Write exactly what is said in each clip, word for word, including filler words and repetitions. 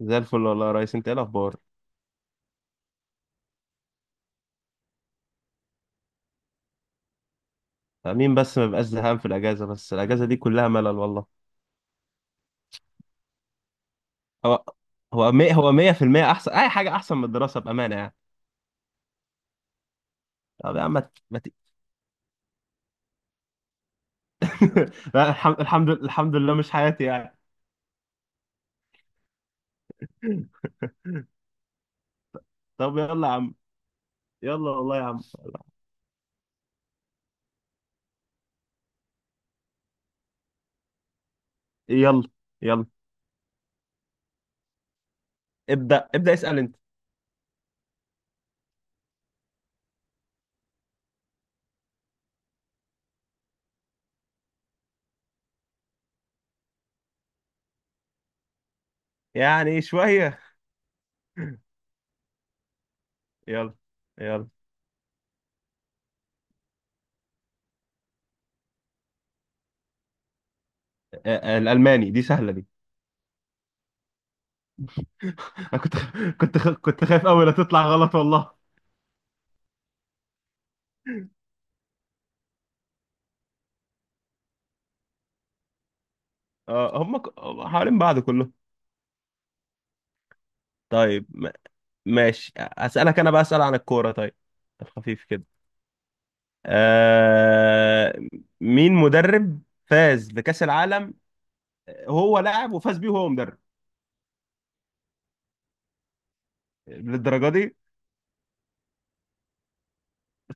زي الفل والله يا ريس، انت ايه الاخبار؟ آه، مين بس ما بيبقاش زهقان في الاجازه، بس الاجازه دي كلها ملل والله. هو هو مية هو مية في المية احسن اي حاجه احسن من الدراسه بامانه يعني. طب يا عم ما ت- ما ت- لا الحم- الحمد الحمد لله مش حياتي يعني. طب يلا يا عم. يلا والله يا عم. يلا. يلا. ابدا ابدا، اسال انت. يعني شويه. يلا. يلا. آه، آه، الالماني دي سهله دي. انا كنت كنت كنت خايف قوي لا تطلع غلط والله. اه هم ك- هم حوالين بعض كله. طيب ماشي اسالك انا بقى، اسال عن الكوره طيب، الخفيف كده. آه... مين مدرب فاز بكاس العالم؟ هو لاعب وفاز بيه وهو مدرب. للدرجه دي؟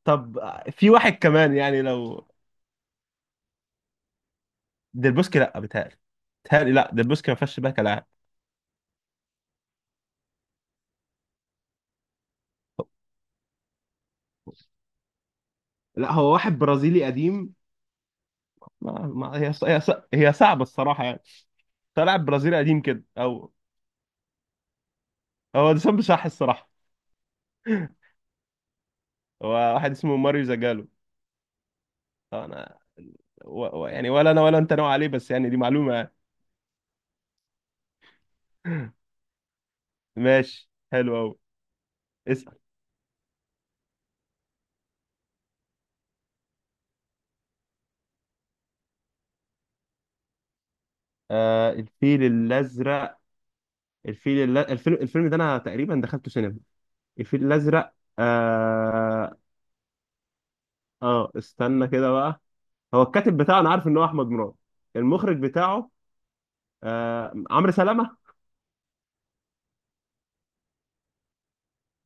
طب في واحد كمان يعني لو. ديلبوسكي؟ لا بيتهيألي. بيتهيألي لا، ديلبوسكي ما فازش بيها كلاعب. لا هو واحد برازيلي قديم. ما... ما... هي... ص... هي ص... هي صعبه الصراحه يعني. طلع برازيلي قديم كده او. هو ده صح الصراحه. هو واحد اسمه ماريو زاجالو. اه انا و... و... يعني، ولا انا ولا انت نوع عليه، بس يعني دي معلومة يعني. ماشي حلو قوي. اسأل. آه الفيل الازرق. الفيل الل... الفيلم الفيلم ده انا تقريبا دخلته سينما. الفيل الازرق. اه. اه استنى كده بقى. هو الكاتب بتاعه انا عارف ان هو احمد مراد. المخرج بتاعه؟ آه عمرو سلامة.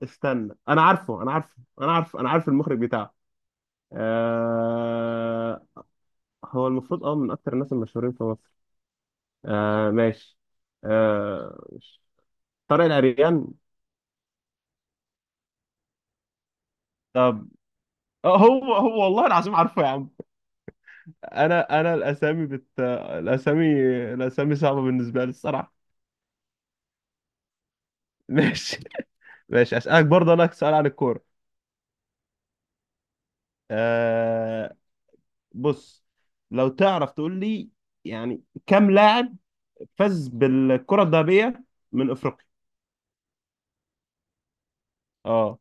استنى انا عارفه انا عارفه انا عارف انا عارف المخرج بتاعه. آه. هو المفروض اه من اكتر الناس المشهورين في مصر. آه ماشي. آه. طارق العريان. طب هو هو والله العظيم عارفه يا عم. انا انا الاسامي بت الاسامي، الاسامي صعبه بالنسبه لي الصراحه. ماشي. ماشي اسالك برضه انا سؤال عن الكوره. آه. بص، لو تعرف تقول لي، يعني كم لاعب فاز بالكره الذهبيه من افريقيا؟ اه.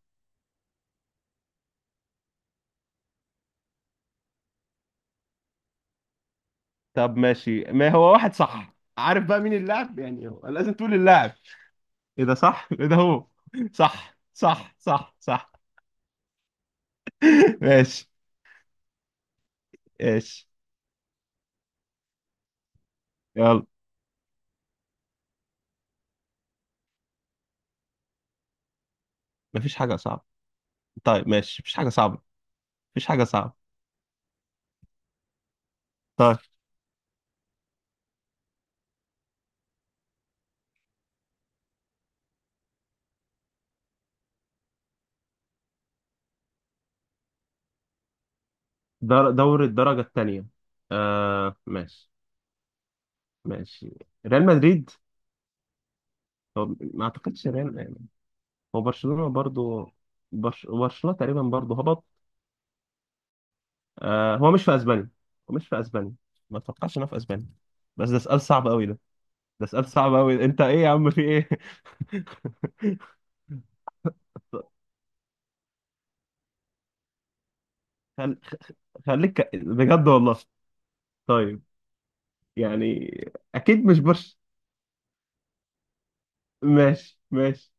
طب ماشي، ما هو واحد صح، عارف بقى مين اللاعب؟ يعني هو لازم تقول اللاعب. ايه ده صح؟ ايه ده؟ هو صح صح صح صح. ماشي. ماشي. يلا. مفيش حاجة صعبة. طيب ماشي مفيش حاجة صعبة. مفيش حاجة صعبة. طيب. در... دوري الدرجة الثانية. آه ماشي. ماشي. ريال مدريد. هو ما اعتقدش ريال. هو برشلونة برضو. برش... برشلونة تقريبا برضو هبط. آه هو مش في اسبانيا. هو مش في اسبانيا. ما اتوقعش انه في اسبانيا. بس ده سؤال صعب قوي ده. ده سؤال صعب قوي، انت ايه يا عم في ايه؟ خل... خليك بجد والله. طيب. يعني اكيد مش برش. ماشي. ماشي.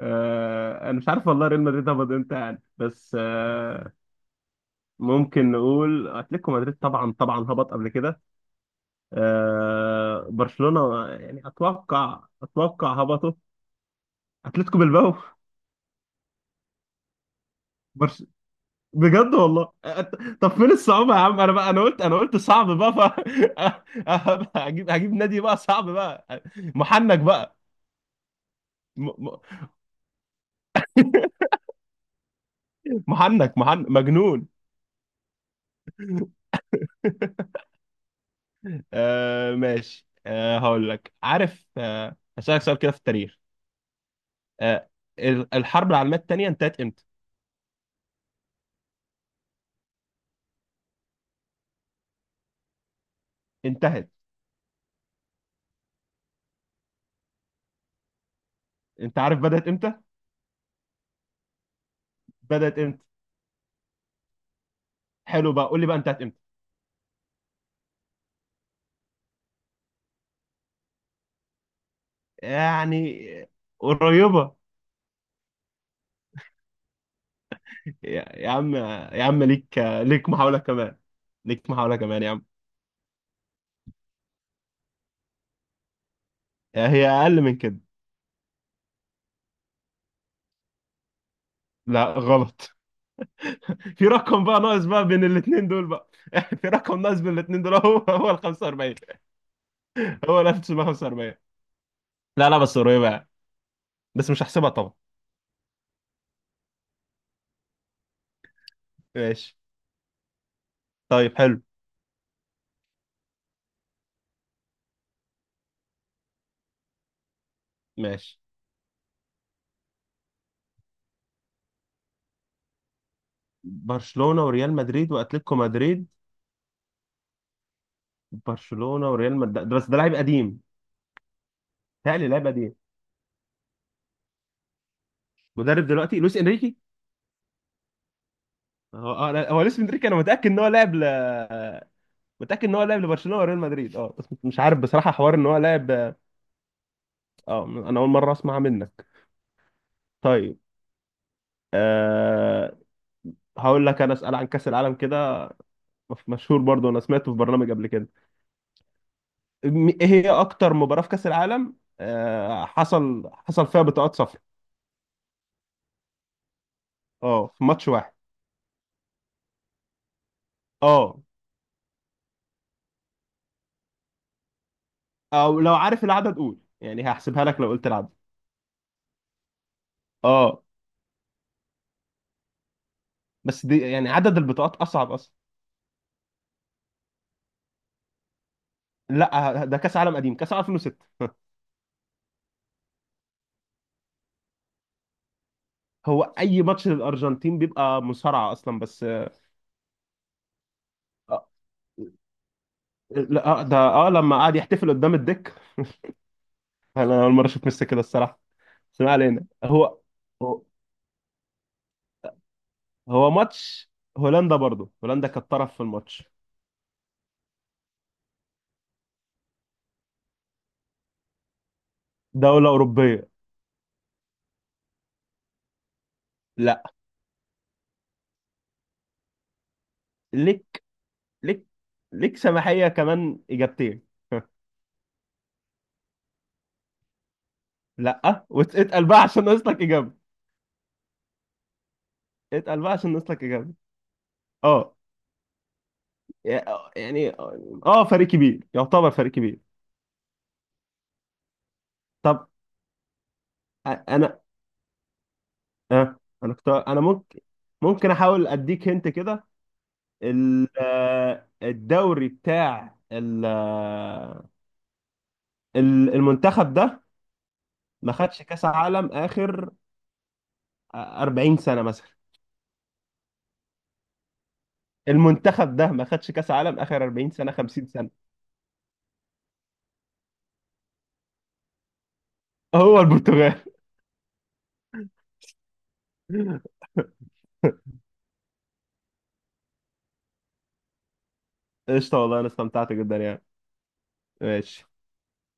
آه، انا مش عارف والله ريال مدريد هبط امتى يعني، بس آه، ممكن نقول اتلتيكو مدريد، طبعا طبعا هبط قبل كده. آه، برشلونة يعني اتوقع اتوقع هبطوا. اتلتيكو بالباو. برش... بجد والله أت- طب فين الصعوبة يا عم؟ انا بقى، انا قلت انا قلت صعب بقى ف... هجيب هجيب نادي بقى صعب بقى. محنك بقى. م... م- محنك محنك مجنون. آه ماشي. آه هقول لك. عارف، آه هسألك سؤال كده في التاريخ. آه، ال- الحرب العالميه الثانيه انتهت امتى؟ انتهت. انت عارف بدات امتى؟ بدات امتى؟ حلو بقى قول لي بقى انتهت امتى. يعني قريبه. يا يا عم، يا عم، ليك ليك محاوله كمان. ليك محاوله كمان يا عم. هي اقل من كده. لا غلط. في رقم بقى ناقص بقى بين الاثنين دول بقى. في رقم ناقص بين الاثنين دول. هو هو ال خمسة واربعين. هو ال الف وتسعمية وخمسة واربعين. لا لا بس قريبه يعني. بس مش هحسبها طبعا. ماشي. طيب حلو. ماشي برشلونة وريال مدريد واتلتيكو مدريد. برشلونة وريال مدريد، بس ده لاعب قديم. تهيألي لاعب قديم. مدرب دلوقتي. لويس انريكي. هو آه، لا، هو لويس انريكي انا متأكد ان هو لاعب ل... متأكد ان هو لاعب لبرشلونة وريال مدريد، اه بس مش عارف بصراحة حوار ان هو لاعب. اه انا اول مرة اسمع منك. طيب. أه... هقول لك انا اسأل عن كأس العالم كده. مشهور برضو انا سمعته في برنامج قبل كده. م- ايه هي اكتر مباراة في كأس العالم أه... حصل حصل فيها بطاقات صفراء؟ اه في ماتش واحد. اه. او لو عارف العدد قول، يعني هحسبها لك لو قلت العدد. اه بس دي يعني عدد البطاقات اصعب اصلا. لا ده كاس عالم قديم، كاس عالم الفين وستة. هو اي ماتش للارجنتين بيبقى مصارعه اصلا، بس آه، لا آه، ده اه لما قعد يحتفل قدام الدك. انا اول مره اشوف ميسي كده الصراحه. بس ما علينا. هو هو هو ماتش هولندا برضو، هولندا كانت طرف في الماتش. دوله اوروبيه. لا. ليك ليك ليك سماحيه كمان اجابتين. لا، واتقل بقى عشان ناقص لك اجابه. اتقل بقى عشان ناقص لك اجابه. اه يعني. اه فريق كبير، يعتبر فريق كبير. طب أ- انا. آه انا كنت. انا ممكن ممكن احاول اديك هنت كده. ال- آه، الدوري بتاع ال- آه، ال- المنتخب ده ما خدش كاس عالم اخر 40 سنة مثلا. المنتخب ده ما خدش كاس عالم اخر 40 سنة، 50 سنة. هو البرتغال. قشطة والله انا استمتعت جدا يعني. ماشي.